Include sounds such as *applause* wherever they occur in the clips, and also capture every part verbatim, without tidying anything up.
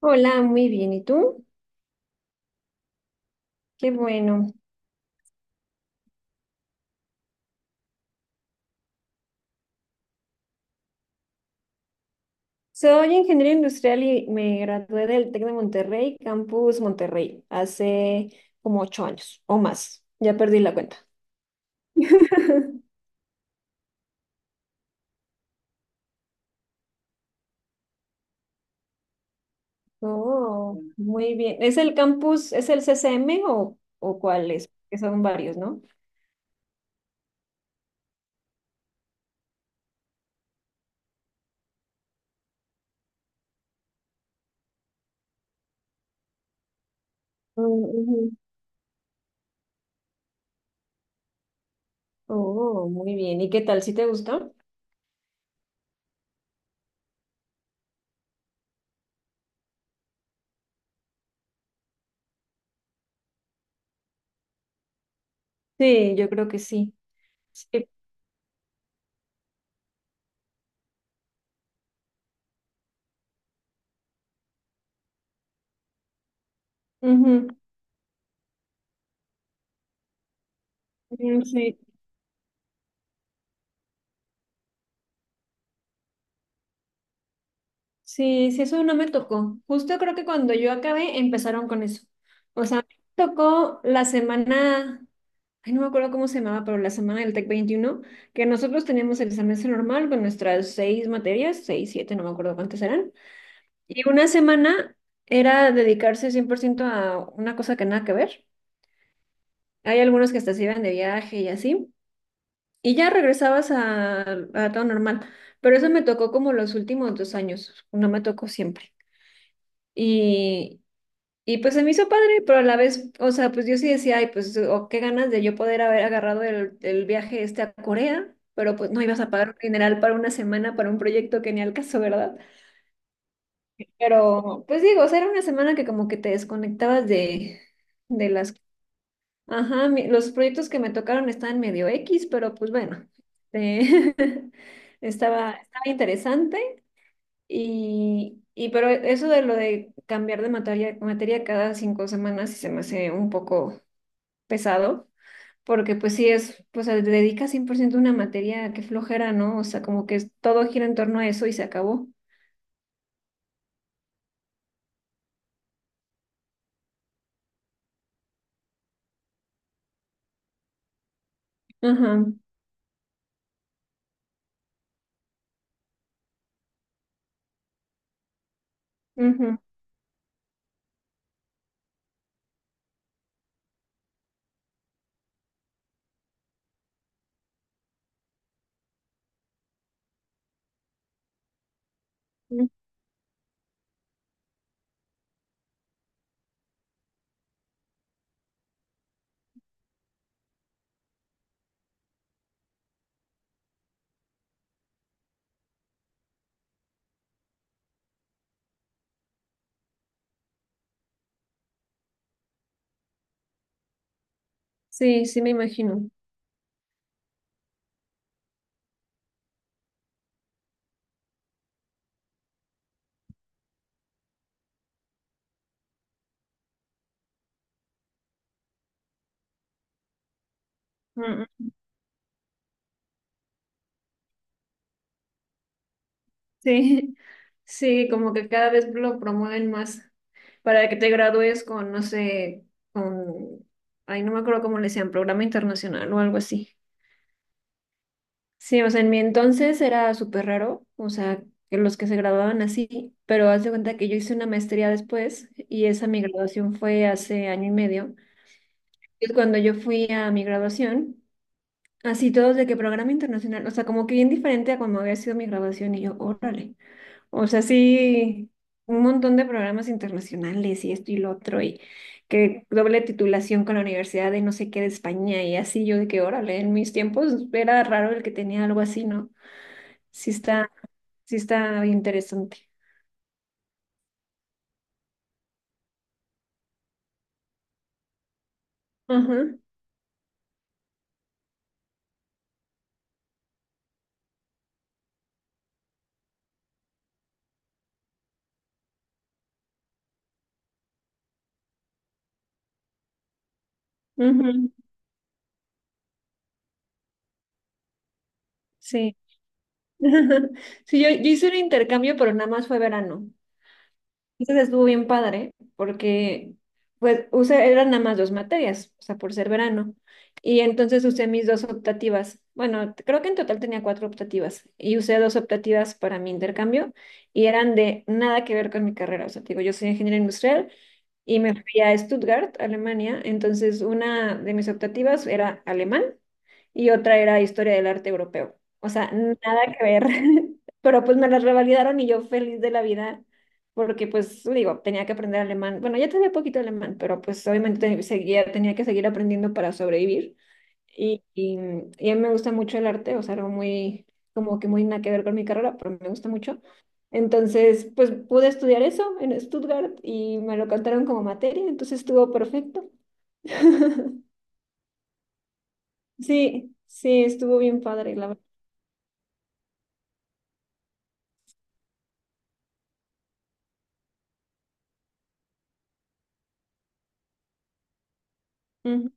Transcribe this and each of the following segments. Hola, muy bien. ¿Y tú? Qué bueno. Soy ingeniero industrial y me gradué del TEC de Monterrey, Campus Monterrey, hace como ocho años o más. Ya perdí la cuenta. *laughs* Oh, muy bien. ¿Es el campus, es el C C M o, o cuál es? Que son varios, ¿no? Mm, ujú. Oh, muy bien. ¿Y qué tal? ¿Sí te gustó? Sí, yo creo que sí. Sí. Ujú. Mm, sí. Sí, sí, eso no me tocó. Justo creo que cuando yo acabé empezaron con eso. O sea, me tocó la semana, ay, no me acuerdo cómo se llamaba, pero la semana del TEC veintiuno, que nosotros teníamos el semestre normal con nuestras seis materias, seis, siete, no me acuerdo cuántas eran. Y una semana era dedicarse cien por ciento a una cosa que nada que ver. Hay algunos que hasta se iban de viaje y así. Y ya regresabas a, a todo normal. Pero eso me tocó como los últimos dos años, no me tocó siempre. Y, Y pues se me hizo padre, pero a la vez, o sea, pues yo sí decía, ay, pues, o qué ganas de yo poder haber agarrado el, el viaje este a Corea, pero pues no ibas a pagar un dineral para una semana, para un proyecto que ni al caso, ¿verdad? Pero, pues digo, o sea, era una semana que como que te desconectabas de, de las... Ajá, mi- los proyectos que me tocaron estaban medio X, pero pues bueno, eh, *laughs* estaba, estaba interesante y, y pero eso de lo de cambiar de materia, materia cada cinco semanas sí se me hace un poco pesado, porque pues sí es, pues se dedica cien por ciento a una materia que flojera, ¿no? O sea, como que es- todo gira en torno a eso y se acabó. Ajá, ujú, mm. Sí, sí me imagino. Mm, sí. *laughs* Sí, como que cada vez lo promueven más para que te gradúes con, no sé, con, ay, no me acuerdo cómo le decían, programa internacional o algo así. Sí, o sea, en mi entonces era súper raro, o sea, que los que se graduaban así, pero haz de cuenta que yo hice una maestría después y esa mi graduación fue hace año y medio. Y cuando yo fui a mi graduación, así todos de que programa internacional, o sea, como que bien diferente a cuando había sido mi graduación y yo, órale, o sea, sí, un montón de programas internacionales y esto y lo otro y que doble titulación con la Universidad de no sé qué de España y así yo de que, órale, en mis tiempos era raro el que tenía algo así, ¿no? Sí está, sí está interesante. Ajá, ujú, sí. *laughs* Sí, yo, yo hice un intercambio, pero nada más fue verano. Entonces estuvo bien padre, porque pues usé, eran nada más dos materias, o sea, por ser verano. Y entonces usé mis dos optativas. Bueno, creo que en total tenía cuatro optativas. Y usé dos optativas para mi intercambio y eran de nada que ver con mi carrera. O sea, te digo, yo soy ingeniero industrial y me fui a Stuttgart, Alemania. Entonces, una de mis optativas era alemán y otra era historia del arte europeo. O sea, nada que ver. *laughs* Pero pues me las revalidaron y yo feliz de la vida, porque pues digo, tenía que aprender alemán. Bueno, ya tenía poquito alemán, pero pues obviamente seguía, tenía que seguir aprendiendo para sobrevivir. Y, y, y a mí me gusta mucho el arte, o sea, algo muy, como que muy nada que ver con mi carrera, pero me gusta mucho. Entonces, pues pude estudiar eso en Stuttgart y me lo cantaron como materia, entonces estuvo perfecto. *laughs* Sí, sí, estuvo bien padre, la verdad. Ujú,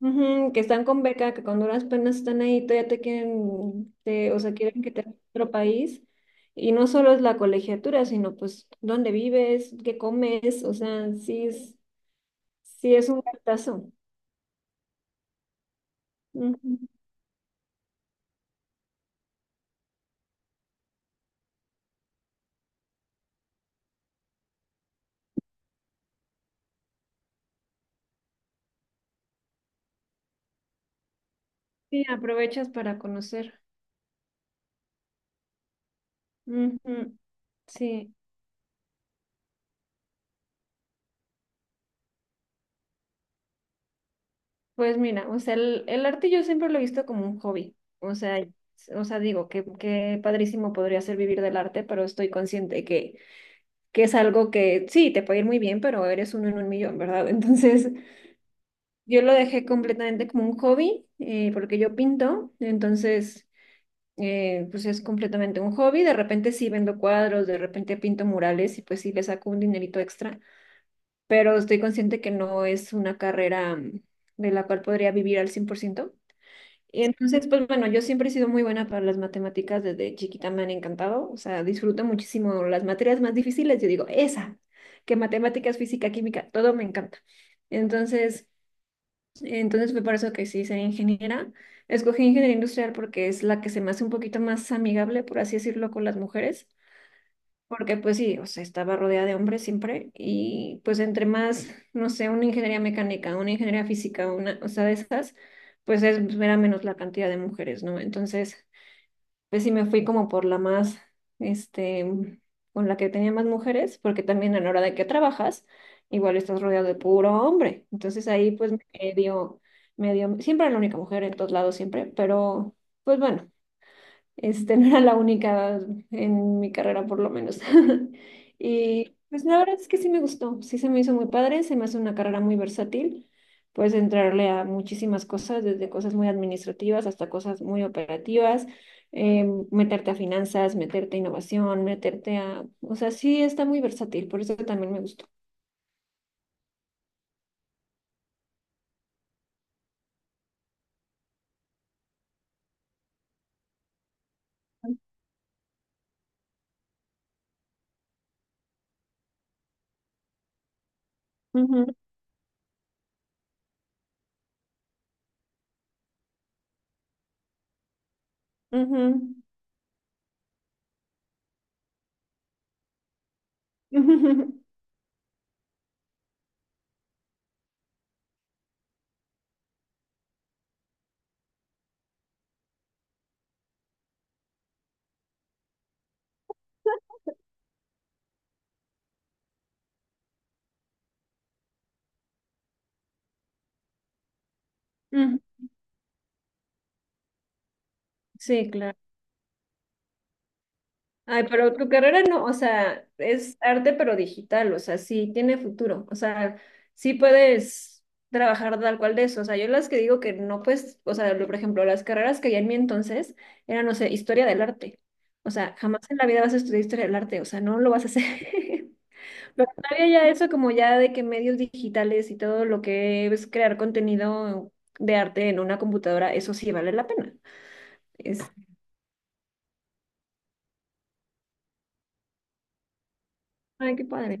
ujú, que están con beca, que con duras penas están ahí, todavía te quieren, te- o sea, quieren que te vayas a otro país. Y no solo es la colegiatura, sino pues dónde vives, qué comes, o sea, sí es, sí es un gastazo. Ujú. Sí, aprovechas para conocer. Ujú. Sí, pues mira, o sea, el, el arte yo siempre lo he visto como un hobby. O sea, s- o sea, digo que, que padrísimo podría ser vivir del arte, pero estoy consciente que, que es algo que sí, te puede ir muy bien, pero eres uno en un millón, ¿verdad? *laughs* Entonces, yo lo dejé completamente como un hobby, eh, porque yo pinto, entonces, eh, pues es completamente un hobby. De repente sí vendo cuadros, de repente pinto murales y pues sí le saco un dinerito extra, pero estoy consciente que no es una carrera mm, de la cual podría vivir al cien por ciento. Y entonces, pues bueno, yo siempre he sido muy buena para las matemáticas, desde chiquita me han encantado, o sea, disfruto muchísimo las materias más difíciles, yo digo, esa, que matemáticas, física, química, todo me encanta. Entonces, entonces fue por eso que sí soy ingeniera. Escogí ingeniería industrial porque es la que se me hace un poquito más amigable, por así decirlo, con las mujeres. Porque pues sí, o sea, estaba rodeada de hombres siempre y pues entre más, no sé, una ingeniería mecánica, una ingeniería física, una, o sea, de esas, pues es, pues, era menos la cantidad de mujeres, ¿no? Entonces, pues sí me fui como por la más, este, con la que tenía más mujeres, porque también a la hora de que trabajas, igual estás rodeado de puro hombre. Entonces ahí pues me dio, me dio, siempre era la única mujer en todos lados, siempre, pero pues bueno. Este, *laughs* no era la única en mi carrera, por lo menos. *laughs* Y pues la verdad es que sí me gustó, sí se me hizo muy padre, se me hace una carrera muy versátil. Puedes entrarle a muchísimas cosas, desde cosas muy administrativas hasta cosas muy operativas, eh, meterte a finanzas, meterte a innovación, meterte a... O sea, sí está muy versátil, por eso también me gustó. Ujú, ujú. *laughs* Ujú, sí, claro. Ay, pero tu carrera no, o sea, es arte pero digital, o sea, sí tiene futuro, o sea, sí puedes trabajar tal cual de eso, o sea, yo las que digo que no pues, o sea, lo- por ejemplo, las carreras que había en mi entonces eran, no sé, historia del arte, o sea, jamás en la vida vas a estudiar historia del arte, o sea, no lo vas a hacer. *laughs* Pero todavía ya eso como ya de que medios digitales y todo lo que es crear contenido de arte en una computadora, eso sí vale la pena. Es, ay, qué padre.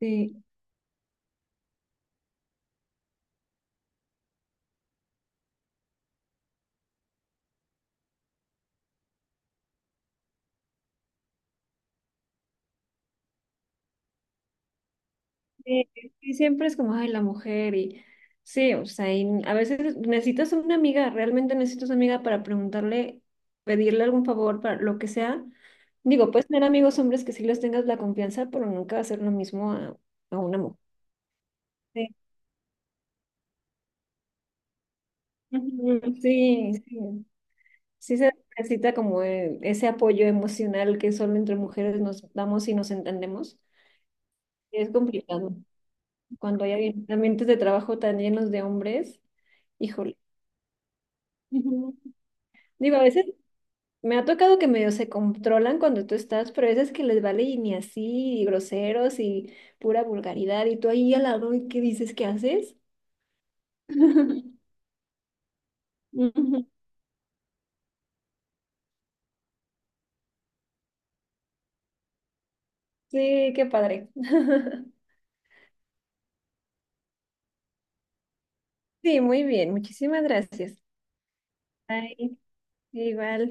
Sí. Sí, sí, siempre es como, ay, la mujer y sí, o sea, y a veces necesitas una amiga, realmente necesitas una amiga para preguntarle, pedirle algún favor, para lo que sea. Digo, puedes tener amigos hombres que sí les tengas la confianza, pero nunca hacer lo mismo a, a una mujer. Sí, ujú, sí, sí. Sí se necesita como eh, ese apoyo emocional que solo entre mujeres nos damos y nos entendemos. Es complicado cuando hay ambientes de trabajo tan llenos de hombres, híjole. Ujú. Digo, a veces me ha tocado que medio se controlan cuando tú estás, pero hay veces que les vale y ni así, y groseros y pura vulgaridad, y tú ahí al lado, ¿y qué dices? ¿Qué haces? *laughs* Ujú. Sí, qué padre. *laughs* Sí, muy bien, muchísimas gracias. Bye, igual.